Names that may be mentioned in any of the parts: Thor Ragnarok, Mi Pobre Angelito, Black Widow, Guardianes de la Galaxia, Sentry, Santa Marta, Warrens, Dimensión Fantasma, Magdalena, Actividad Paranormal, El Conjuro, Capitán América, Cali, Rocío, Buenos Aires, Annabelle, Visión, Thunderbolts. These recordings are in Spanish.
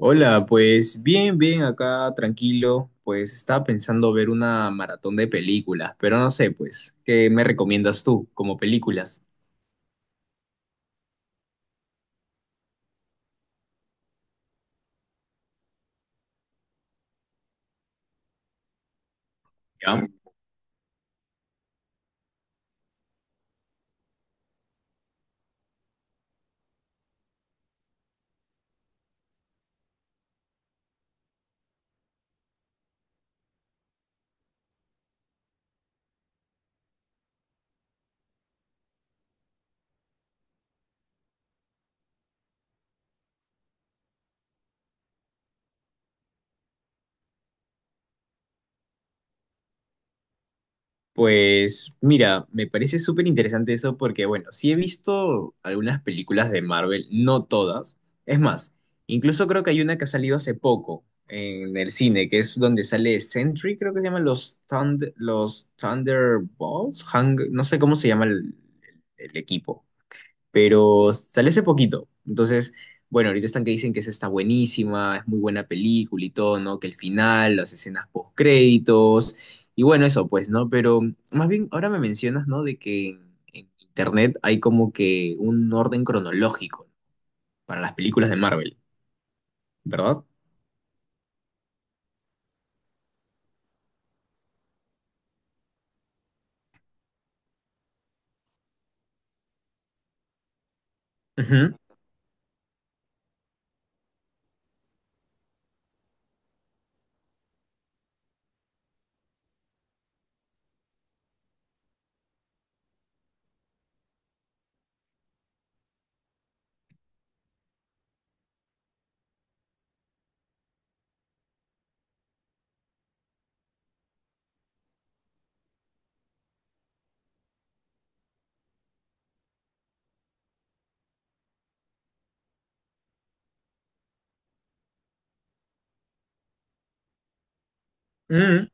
Hola, pues bien, bien, acá tranquilo. Pues estaba pensando ver una maratón de películas, pero no sé, pues, ¿qué me recomiendas tú como películas? ¿Ya? Pues mira, me parece súper interesante eso porque, bueno, sí he visto algunas películas de Marvel, no todas. Es más, incluso creo que hay una que ha salido hace poco en el cine, que es donde sale Sentry, creo que se llaman los, los Thunderbolts, no sé cómo se llama el el equipo. Pero salió hace poquito. Entonces, bueno, ahorita están que dicen que esa está buenísima, es muy buena película y todo, ¿no? Que el final, las escenas post créditos y bueno, eso pues, ¿no? Pero más bien ahora me mencionas, ¿no? De que en, internet hay como que un orden cronológico para las películas de Marvel, ¿verdad? Ujú. Ujú.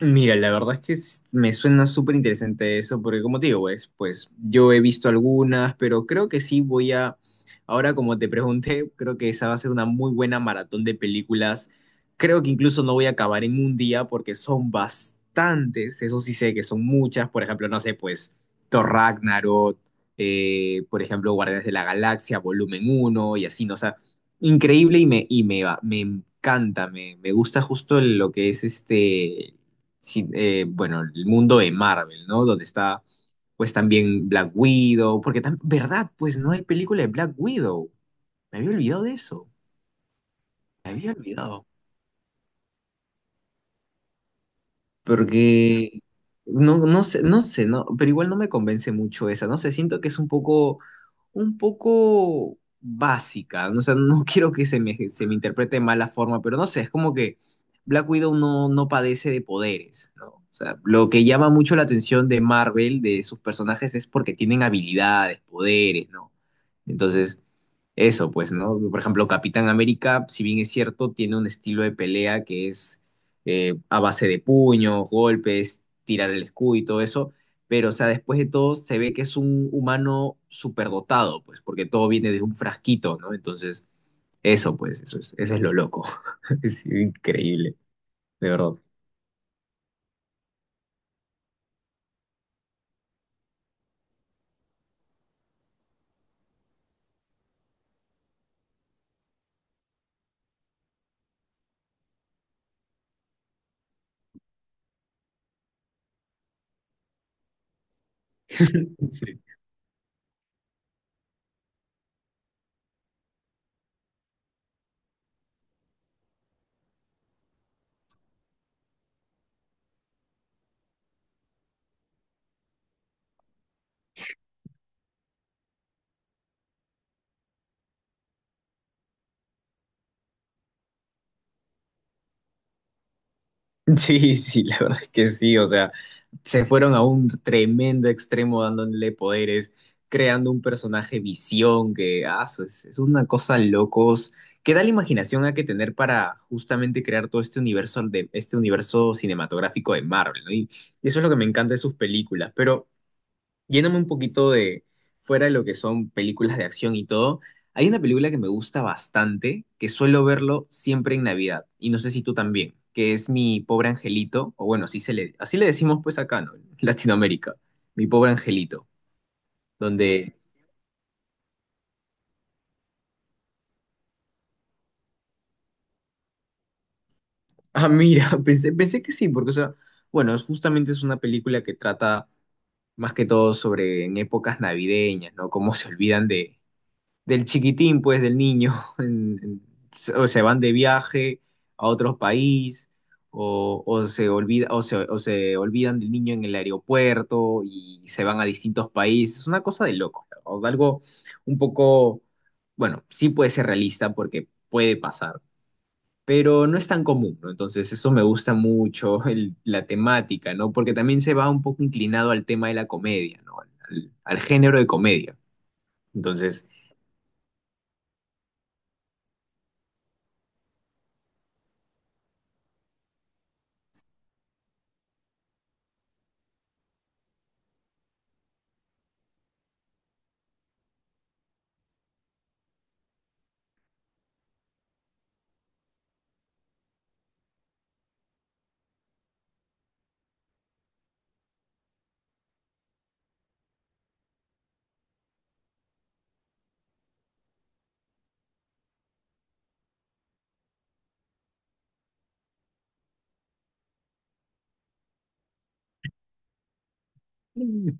Mira, la verdad es que me suena súper interesante eso, porque como te digo, pues yo he visto algunas, pero creo que sí voy a, ahora como te pregunté, creo que esa va a ser una muy buena maratón de películas. Creo que incluso no voy a acabar en un día porque son bastantes, eso sí sé que son muchas, por ejemplo, no sé, pues Thor Ragnarok, por ejemplo, Guardianes de la Galaxia, volumen uno y así, ¿no? O sea, increíble y me, me encanta, me gusta justo lo que es este, sí, bueno, el mundo de Marvel, ¿no? Donde está, pues también Black Widow, porque también, ¿verdad? Pues no hay película de Black Widow. Me había olvidado de eso. Me había olvidado. Porque no, no sé, no sé, no, pero igual no me convence mucho esa, no sé, siento que es un poco, básica, ¿no? O sea, no quiero que se me interprete de mala forma, pero no sé, es como que Black Widow no padece de poderes, ¿no? O sea, lo que llama mucho la atención de Marvel, de sus personajes, es porque tienen habilidades, poderes, ¿no? Entonces, eso, pues, ¿no? Por ejemplo, Capitán América, si bien es cierto, tiene un estilo de pelea que es a base de puños, golpes, tirar el escudo y todo eso, pero o sea, después de todo se ve que es un humano superdotado, pues, porque todo viene de un frasquito, ¿no? Entonces, eso, pues, eso es, lo loco. Es increíble, de verdad. Sí. Sí, sí, la verdad es que sí, o sea, se fueron a un tremendo extremo dándole poderes, creando un personaje visión que, ah, es una cosa locos. ¿Qué da la imaginación hay que tener para justamente crear todo este universo de este universo cinematográfico de Marvel? ¿No? Y eso es lo que me encanta de sus películas, pero yéndome un poquito de fuera de lo que son películas de acción y todo, hay una película que me gusta bastante, que suelo verlo siempre en Navidad, y no sé si tú también, que es Mi Pobre Angelito, o bueno, así le decimos pues acá, ¿no? En Latinoamérica, Mi Pobre Angelito, donde, ah, mira, pensé que sí, porque, o sea, bueno, justamente es una película que trata más que todo sobre en épocas navideñas, ¿no? Cómo se olvidan del chiquitín, pues, del niño. en- en- o se van de viaje a otro país, o se olvida, o se olvidan del niño en el aeropuerto y se van a distintos países. Es una cosa de loco, o de algo un poco, bueno, sí puede ser realista porque puede pasar. Pero no es tan común, ¿no? Entonces eso me gusta mucho, la temática, ¿no? Porque también se va un poco inclinado al tema de la comedia, ¿no? Al género de comedia. Entonces,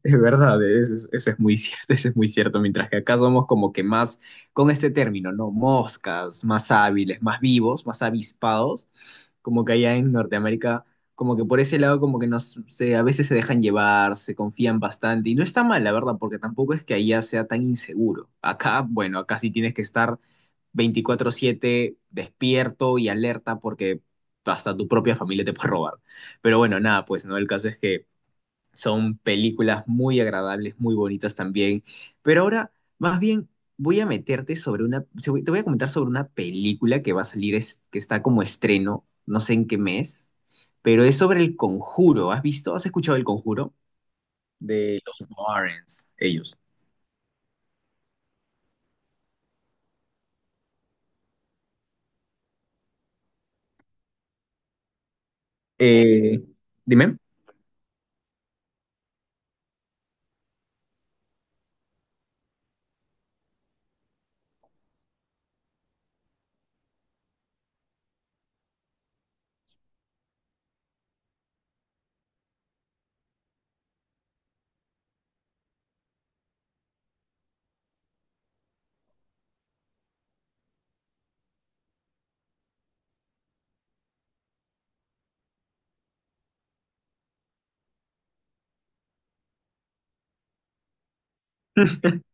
es verdad, eso es, muy cierto, eso es muy cierto, mientras que acá somos como que más, con este término, ¿no? Moscas, más hábiles, más vivos, más avispados, como que allá en Norteamérica, como que por ese lado como que a veces se dejan llevar, se confían bastante, y no está mal, la verdad, porque tampoco es que allá sea tan inseguro. Acá, bueno, acá sí tienes que estar 24/7 despierto y alerta porque hasta tu propia familia te puede robar. Pero bueno, nada, pues, ¿no? El caso es que son películas muy agradables, muy bonitas también. Pero ahora, más bien, voy a meterte sobre una, te voy a comentar sobre una película que va a salir, que está como estreno, no sé en qué mes, pero es sobre El Conjuro. ¿Has visto? ¿Has escuchado El Conjuro? De los Warrens, ellos. Eh, Dime,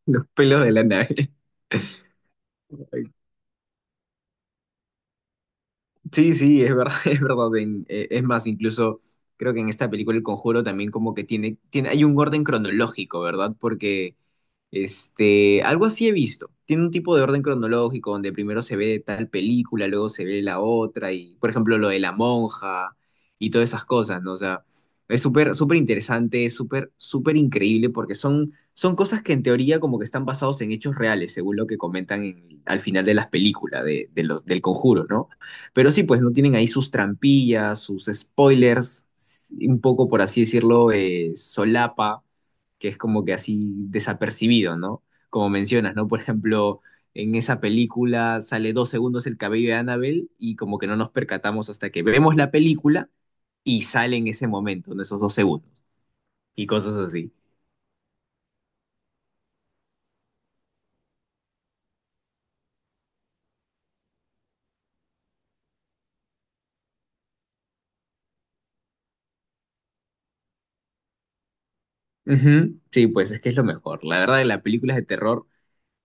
los pelos de la nave. Sí, sí, es verdad, es verdad. Es más, incluso creo que en esta película El Conjuro también como que tiene, hay un orden cronológico, ¿verdad? Porque este, algo así he visto. Tiene un tipo de orden cronológico donde primero se ve tal película, luego se ve la otra y, por ejemplo, lo de la monja y todas esas cosas, ¿no? O sea, es súper, súper interesante, es súper, súper increíble porque son cosas que en teoría como que están basados en hechos reales, según lo que comentan al final de las películas del conjuro, ¿no? Pero sí, pues no tienen ahí sus trampillas, sus spoilers, un poco, por así decirlo, solapa, que es como que así desapercibido, ¿no? Como mencionas, ¿no? Por ejemplo, en esa película sale 2 segundos el cabello de Annabelle y como que no nos percatamos hasta que vemos la película y sale en ese momento, en esos 2 segundos y cosas así. Ujú. Sí, pues es que es lo mejor. La verdad, las películas de terror.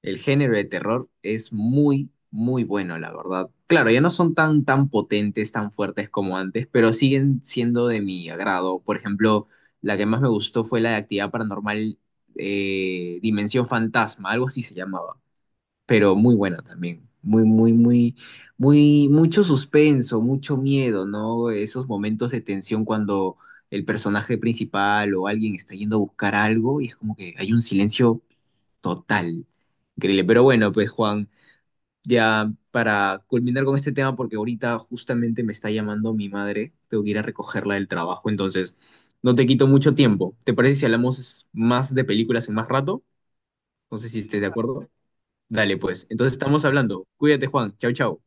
El género de terror es muy, muy bueno, la verdad. Claro, ya no son tan, tan potentes, tan fuertes como antes, pero siguen siendo de mi agrado. Por ejemplo, la que más me gustó fue la de Actividad Paranormal, Dimensión Fantasma, algo así se llamaba, pero muy buena también. Muy, muy, muy, muy, mucho suspenso, mucho miedo, ¿no? Esos momentos de tensión cuando el personaje principal o alguien está yendo a buscar algo y es como que hay un silencio total. Increíble. Pero bueno, pues Juan, ya para culminar con este tema, porque ahorita justamente me está llamando mi madre, tengo que ir a recogerla del trabajo, entonces no te quito mucho tiempo. ¿Te parece si hablamos más de películas en más rato? No sé si estés de acuerdo. Dale, pues. Entonces estamos hablando. Cuídate, Juan. Chau, chau.